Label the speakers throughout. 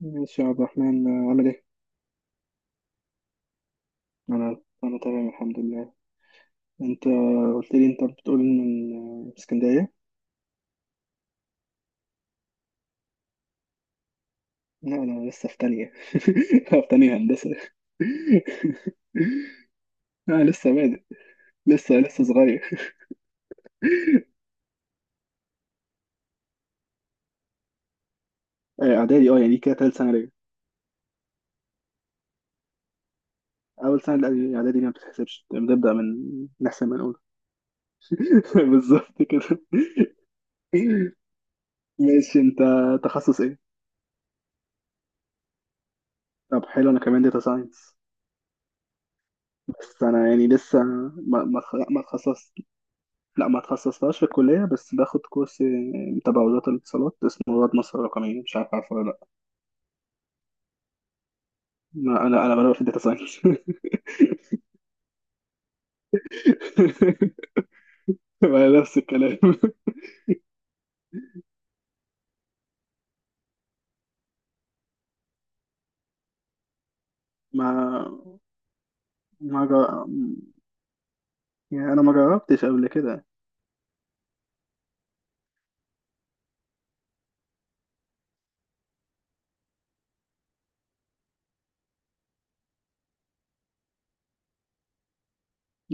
Speaker 1: ماشي يا عبد الرحمن عامل ايه؟ انا تمام الحمد لله. انت قلت لي انت بتقول من اسكندرية؟ لا، انا لسه في تانية. في تانية هندسة. انا لسه بادئ، لسه صغير. اعدادي، اه يعني كده تالت سنة ليا. اول سنة اعدادي دي ما بتتحسبش، بنبدأ من، نحسب من اول. بالظبط كده. ماشي انت، تخصص ايه؟ طب حلو، انا كمان داتا ساينس. بس انا يعني لسه ما ما اتخصصت. لا، ما تخصصتهاش في الكلية، بس باخد كورس تبع وزارة الاتصالات اسمه رواد مصر الرقمية، مش عارف عارفه ولا لا. ما أنا بلعب في الداتا ساينس. ما نفس الكلام. ما ما جا... يعني أنا ما جربتش قبل كده.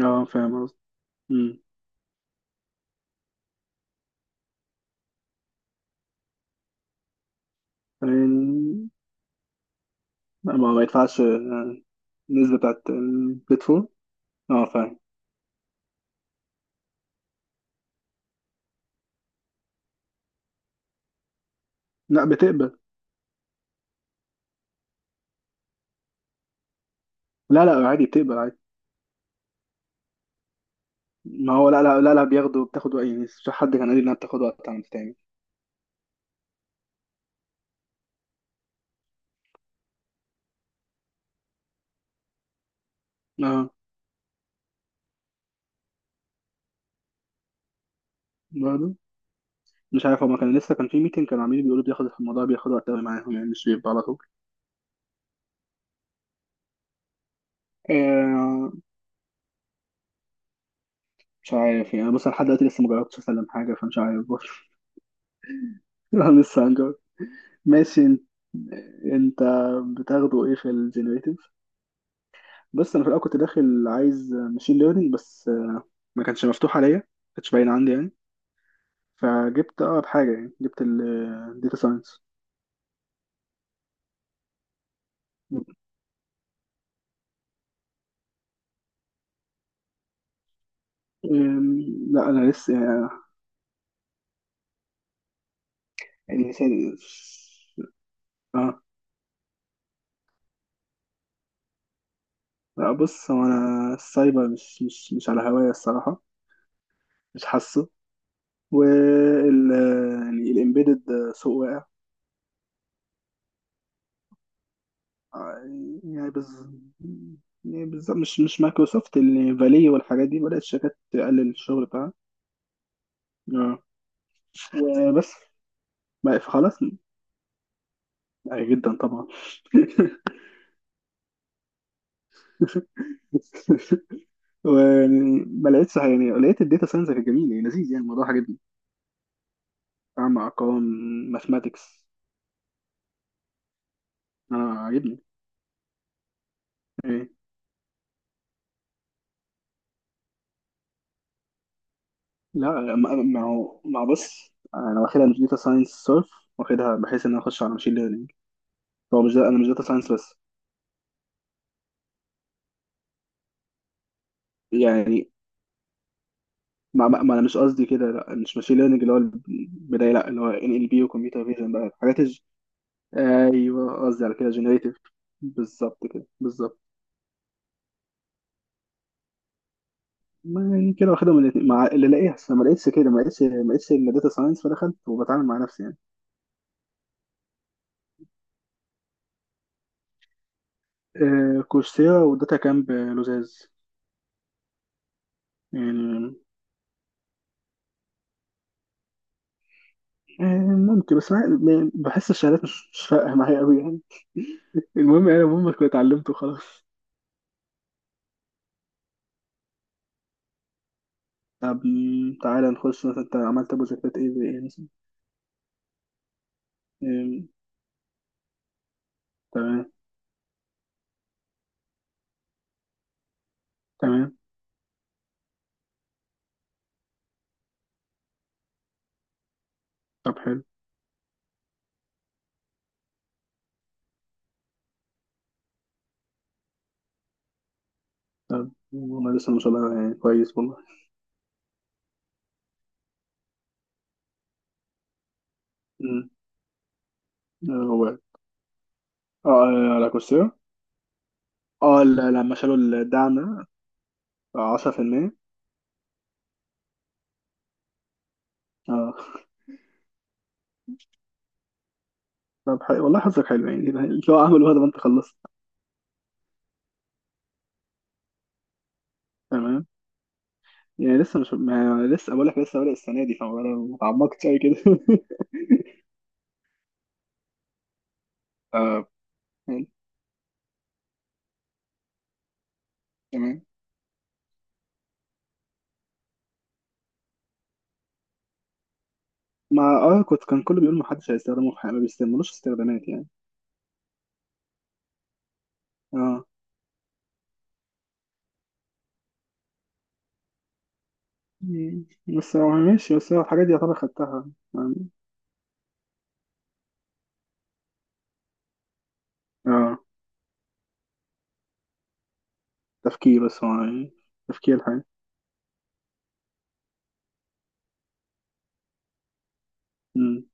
Speaker 1: اه فاهم قصدي. أمم. يعني لا، ما يدفعش، النسبة بتاعت البلاتفورم. اه فاهم. لا بتقبل. لا لا، عادي بتقبل عادي. ما هو لا بياخدوا، بتاخد وقت، يعني مش حد كان قال لي انها بتاخد وقت عم تعمل. اه برضه مش عارف، هما كان لسه كان في ميتنج، كانوا عاملين بيقولوا بياخد الموضوع، بياخد وقت قوي معاهم، يعني مش بيبقى على طول. آه مش عارف، يعني بص أنا لحد دلوقتي لسه ما جربتش أسلم حاجة، فمش عارف برضه. لا لسه هنجرب. ماشي انت، انت بتاخده ايه في الجنريتيف؟ بس انا في الاول كنت داخل عايز ماشين ليرنينج بس، ما كانش مفتوح عليا، ما كانش باين عندي يعني، فجبت اقرب حاجه، يعني جبت الداتا ساينس. لا انا لسه يعني، يعني ثاني- اه لا بص، هو انا السايبر مش مش على هواية الصراحة، مش حاسه. وال، يعني الامبيدد، سوق واقع. يعني يعني بالظبط، مش مايكروسوفت اللي فالي، والحاجات دي بدأت الشركات تقلل الشغل بتاعها. اه وبس. بقى خلاص، بقى جدا طبعا. ويعني ما لقيتش حاجة- يعني لقيت الداتا ساينس كان جميل، يعني لذيذ، يعني الموضوع عجبني. أعمل أرقام، ماثماتكس، أنا عجبني. لا ما هو بص انا واخدها مش داتا ساينس صرف، واخدها بحيث ان انا اخش على ماشين ليرنينج. هو مش ده، انا مش داتا ساينس بس. يعني ما انا مش قصدي كده، لا مش ماشين ليرنينج اللي هو البدايه، لا اللي هو ان ال بي وكمبيوتر فيجن بقى، ايوه قصدي على كده جنريتيف. بالظبط كده، بالظبط. ما يعني كده واخدها من الاتنين، مع اللي لاقيها. بس أنا ما لقيتش كده، ما لقيتش الا داتا ساينس، فدخلت وبتعامل مع نفسي يعني. آه كورسيرا وداتا كامب لزاز. يعني آه، ممكن بس بحس الشهادات مش فارقة معايا أوي يعني، المهم يعني المهم كنت اتعلمت وخلاص. طب م، تعالى نخش مثلا، أنت عملت بروجكتات إيه، زي إيه مثلا؟ آم، تمام. تمام. طب حلو. طب والله لسه ما شاء الله يعني كويس والله. م، هو آه، على كورسيرا. آه لما شالوا الدعم ده، 10%. آه. طب حلو والله حظك حلو يعني. اللي هو عمله هذا، ما أنت خلصت. تمام. يعني لسه مش، ما لسه بقول لك لسه بادئ السنة دي، فما ما اتعمقتش أوي كده. آه تمام. ما اه كنت، كان كله بيقول محدش هيستخدمه في حاجة، ما بيستعملوش، استخدامات يعني. اه. مم. بس هو ماشي، بس هو الحاجات دي يعتبر خدتها يعني. اه تفكير، بس هو يعني تفكير الحاجة. مم.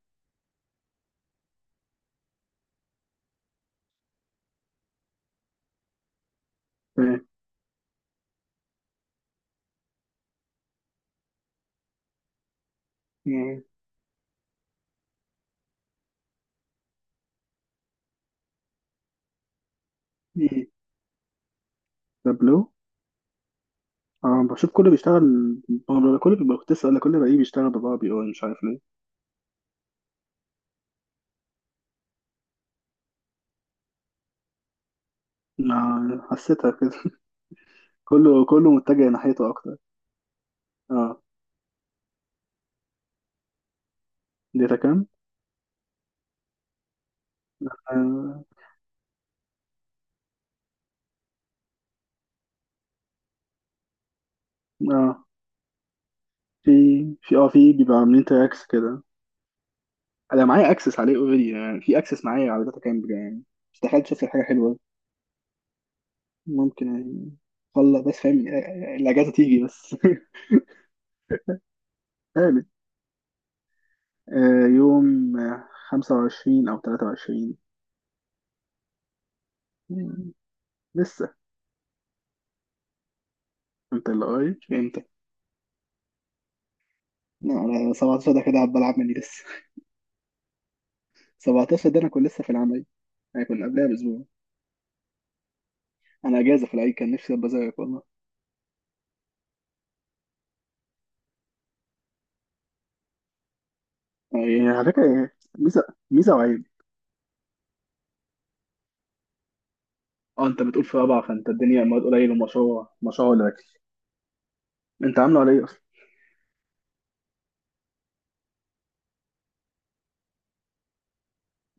Speaker 1: فاهم. مم. مم. تابلو. اه بشوف كله بيشتغل. هو كله بيبقى، كنت لسه هقول لك كله بقى إيه بيشتغل، ببقى بي اي، مش عارف ليه. ما حسيتها كده. كله متجه ناحيته اكتر. اه داتا كام. اه. آه. في في بيبقى عاملين تراكس كده. انا معايا اكسس عليه اوريدي، يعني في اكسس معايا على داتا كامب يعني، استحاله تشوف لي حاجه حلوه. ممكن يعني، خلص بس فاهم الاجازه تيجي بس. ثالث، يوم 25 او 23. مم، لسه. انت اللي قريب امتى؟ لا انا 17 ده كده هبقى العب مني لسه. 17 ده انا كنت لسه في العمل، يعني كنا قبلها باسبوع. انا اجازه في العيد كان نفسي ابقى زيك والله. يعني على فكره يعني ميزه، ميزه وعيب. اه انت بتقول في رابعه، فانت الدنيا مواد قليل، ومشروع، مشروع ولا؟ انت عامله على ايه؟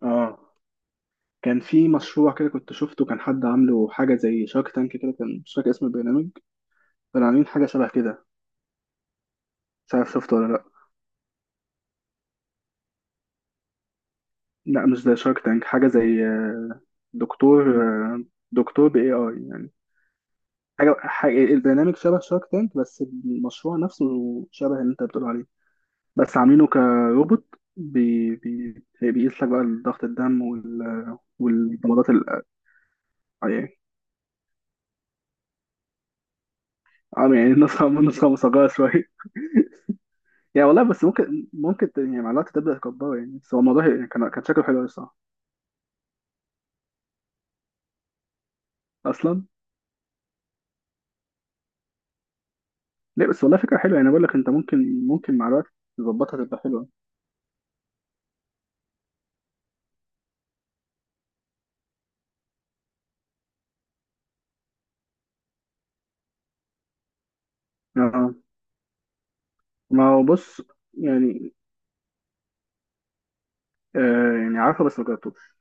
Speaker 1: اه كان في مشروع كده كنت شفته، كان حد عامله حاجة زي شارك تانك كده، كان مش فاكر اسم البرنامج، كانوا عاملين حاجة شبه كده، مش عارف شفته ولا لأ. لأ مش زي شارك تانك، حاجة زي دكتور، آه، دكتور ب AI يعني، حاجة حاجة البرنامج شبه شارك تانك، بس المشروع نفسه شبه اللي أنت بتقول عليه، بس عاملينه كروبوت. بي بيقيس لك بقى ضغط الدم والضمادات ال- يعني، يعني النسخة، النسخة مصغرة شوية. يعني والله، بس ممكن ممكن يعني مع الوقت تبدا تكبره يعني، بس هو الموضوع كان كان شكله حلو أوي الصراحه اصلا. ليه بس، والله فكره حلوه، يعني بقول لك انت ممكن ممكن مع الوقت تظبطها تبقى حلوه. اه ما هو بص، يعني آه يعني عارفه بس ما جربتوش.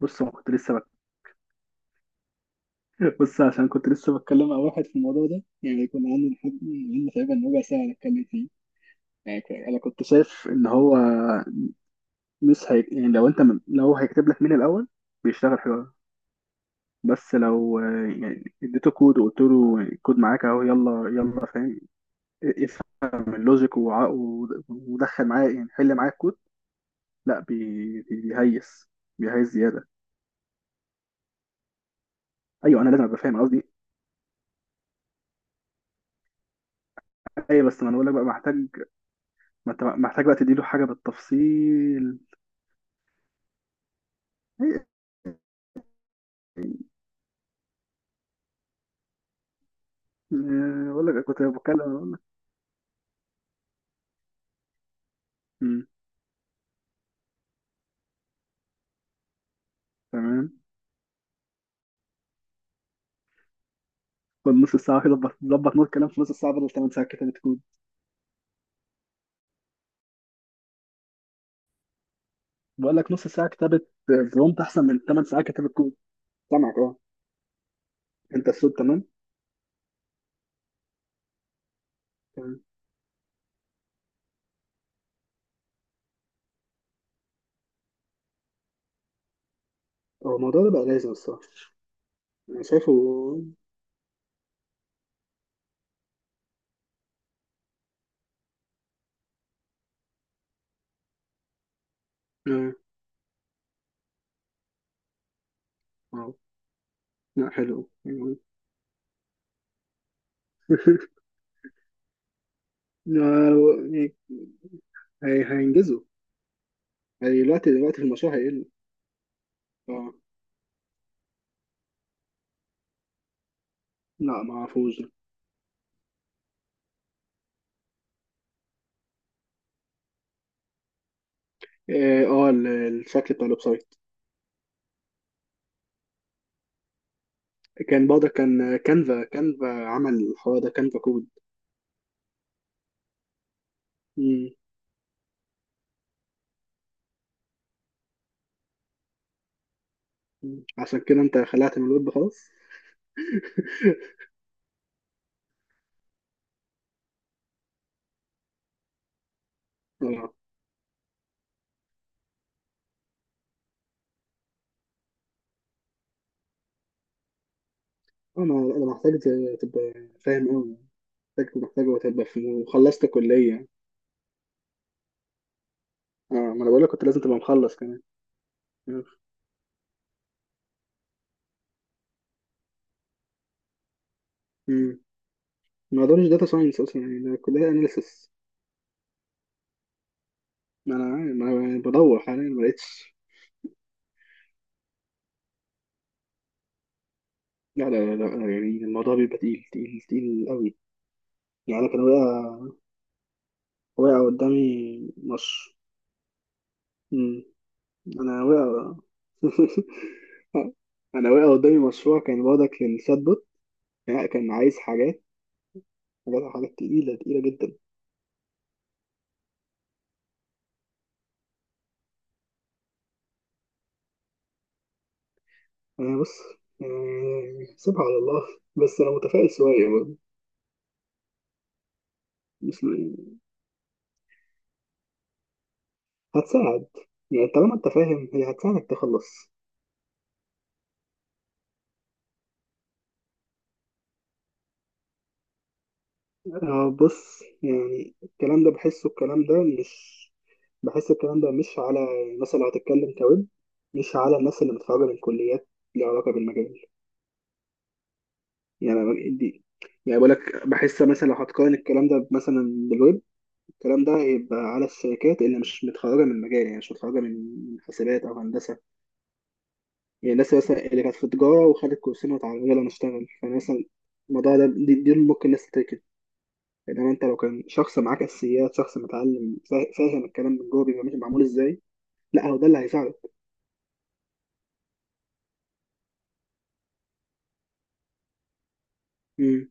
Speaker 1: بص هو كنت لسه بك... بص عشان كنت لسه بتكلم مع واحد في الموضوع ده، يعني كنا قعدنا نحب، قعدنا تقريبا 1/4 ساعه نتكلم فيه. يعني انا كنت شايف ان هو مش هي... يعني لو لو هو هيكتب لك مين الاول، بيشتغل حلو أوي. بس لو يعني اديته كود وقلت له الكود معاك اهو، يلا يلا فاهم، افهم اللوجيك ودخل معاه، يعني حل معاه الكود. لا بيهيس، بيهيس زياده. ايوه انا لازم ابقى فاهم قصدي. ايوه بس ما انا بقول لك بقى محتاج، ما انت محتاج بقى تديله حاجه بالتفصيل. إيه. بقول لك كنت بتكلم بقول لك. مم. تمام. خد نص ساعه كده ظبط، ظبط نوت كلام في نص ساعه بدل 8 ساعات كتابه كود. بقول لك نص ساعه كتابه برومت احسن من 8 ساعات كتابه كود. سامعك اه. انت الصوت تمام. تمام. هو الموضوع ده بقى لازم الصراحه، انا شايفه. اه اه. لا حلو يعني. لا، يعني هينجزوا. هي دلوقتي، دلوقتي في المشروع هيقل. اه لا ما اعرفوش ده. اه الشكل بتاع الويب سايت. كان برضه كان كانفا، كانفا عمل الحوار ده، كانفا كود. مم. مم. عشان كده انت خلعت من الويب خلاص. اه انا محتاج تبقى فاهم قوي. محتاج تبقى في وخلصت كلية. اه ما انا بقول لك كنت لازم تبقى مخلص كمان. مم. ما اقدرش داتا ساينس اصلا يعني، ده كلها اناليسس. ما انا عارف- ما أنا بدور حاليا ما لقيتش. لا، يعني الموضوع بيبقى تقيل تقيل قوي. يعني انا كان واقع، واقع قدامي مش. مم. انا واقع. انا واقع قدامي مشروع كان واضح للشات بوت، يعني كان عايز حاجات، حاجات تقيلة جدا. انا بص يعني سيبها على الله، بس انا متفائل شوية برضه. هتساعد، يعني طالما انت فاهم هي هتساعدك تخلص. آه بص يعني الكلام ده بحسه، الكلام ده مش، بحس الكلام ده مش على الناس اللي هتتكلم كويب، مش على الناس اللي متخرجة من كليات ليها علاقة بالمجال. يعني دي يعني، بقول لك بحس مثلا لو هتقارن الكلام ده مثلا بالويب، الكلام ده يبقى على الشركات اللي مش متخرجة من مجال، يعني مش متخرجة من حسابات أو هندسة، يعني الناس مثلا اللي كانت في تجارة وخدت كورسين وتعالى يلا نشتغل يعني مثلا، الموضوع ده دي ممكن الناس تتركز. انما انت لو كان شخص معاك اساسيات، شخص متعلم فاهم الكلام من جوه بيبقى ماشي معمول ازاي. لا هو ده اللي هيساعدك. مم.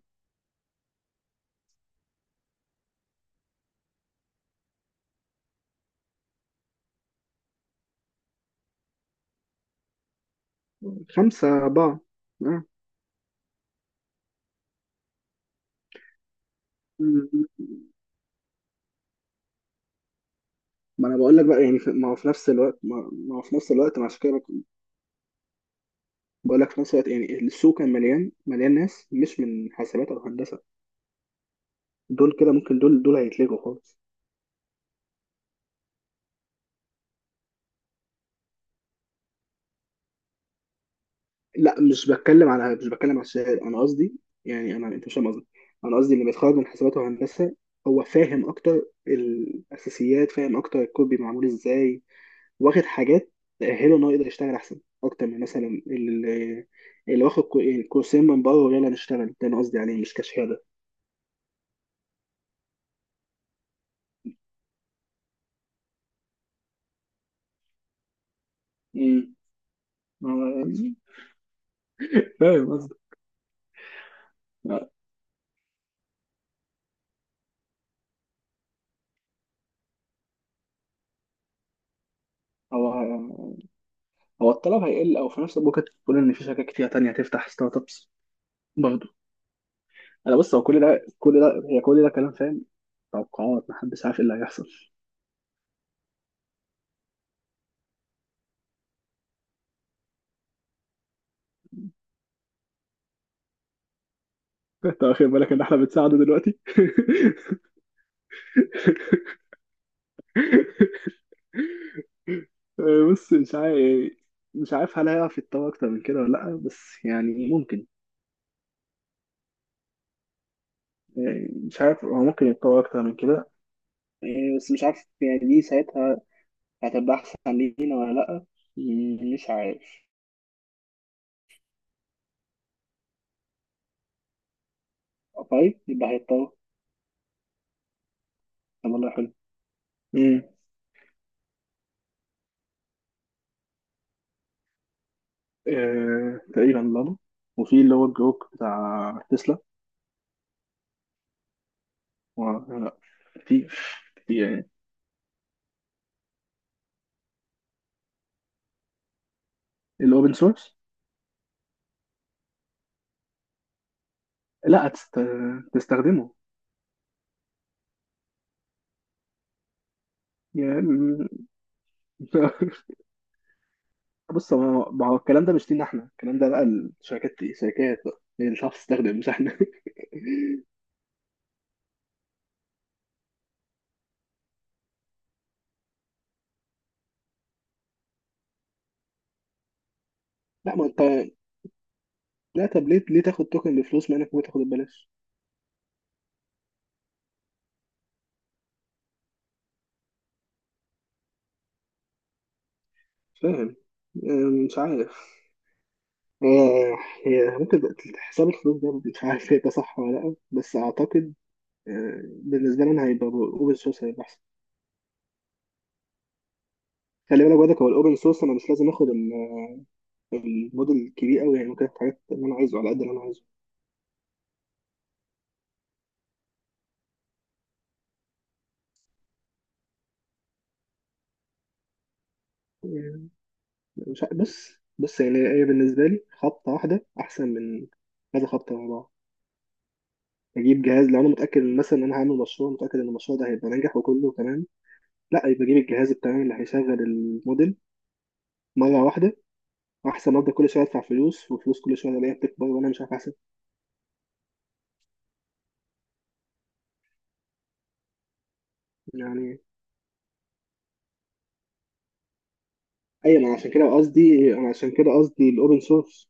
Speaker 1: خمسة أربعة. آه. مم. ما انا بقول لك بقى، يعني في، ما هو في نفس الوقت ما ما هو في نفس الوقت مع كده، بقول لك في نفس الوقت يعني السوق كان مليان، مليان ناس مش من حاسبات او هندسه، دول كده ممكن، دول هيتلغوا خالص. لا مش بتكلم على، مش بتكلم على الشهاده. انا قصدي يعني، انا انت مش فاهم قصدي. انا قصدي اللي بيتخرج من حسابات وهندسه هو فاهم اكتر الاساسيات، فاهم اكتر الكود بيبقى معمول ازاي، واخد حاجات تاهله ان هو يقدر يشتغل احسن اكتر من مثلا اللي، اللي واخد يعني كورسين من بره ويلا نشتغل، ده انا قصدي عليه مش كشهاده. امم فاهم قصدك. لا، هو هو الطلب هيقل، او في نفس الوقت ممكن تقول ان في شركات كتير تانية هتفتح ستارت ابس برضه. انا بص، هو كل ده، كل ده هي كل ده كلام فاهم، توقعات محدش عارف ايه اللي هيحصل. انت واخد بالك ان احنا بنساعده دلوقتي. بص مش عارف، مش عارف هل هيعرف يتطور اكتر من كده ولا لا، بس يعني ممكن. مش عارف، هو ممكن يتطور اكتر من كده. بس مش عارف يعني دي ساعتها هتبقى احسن لينا ولا لا، مش عارف. طيب يبقى هيتطور. طب والله حلو. امم. تقريبا لانو. وفي اللي هو الجروك بتاع تسلا. و... لا في الاوبن سورس. لا تستخدمه يعني. بص ما هو الكلام ده مش لينا احنا، الكلام ده بقى الشركات، شركات بقى هي اللي تعرف تستخدم مش احنا. لا ما انت، لا طب ليه، ليه تاخد توكن بفلوس ما انك ممكن تاخده ببلاش. مش فاهم، مش عارف. آه، هي ممكن بقى حساب الفلوس ده مش عارف ده صح ولا لا، بس اعتقد بالنسبه لنا هيبقى اوبن سورس، هيبقى احسن. خلي بالك برضك، هو الاوبن سورس انا مش لازم اخد الموديل الكبير قوي يعني، ممكن افتح حاجات اللي انا عايزه على قد اللي انا عايزه. يعني مش عارف- بص، بص يعني هي بالنسبه لي خبطه واحده احسن من كذا خبطه ورا بعض. اجيب جهاز لو انا متاكد إن مثلا انا هعمل مشروع متاكد ان المشروع ده هيبقى ناجح وكله تمام، لا يبقى اجيب الجهاز التمام اللي هيشغل الموديل مره واحده، احسن ما افضل كل شويه ادفع فلوس وفلوس، كل شويه الاقيها بتكبر وانا مش عارف احسب يعني. ايوه ما أنا عشان كده قصدي، انا عشان كده قصدي الاوبن سورس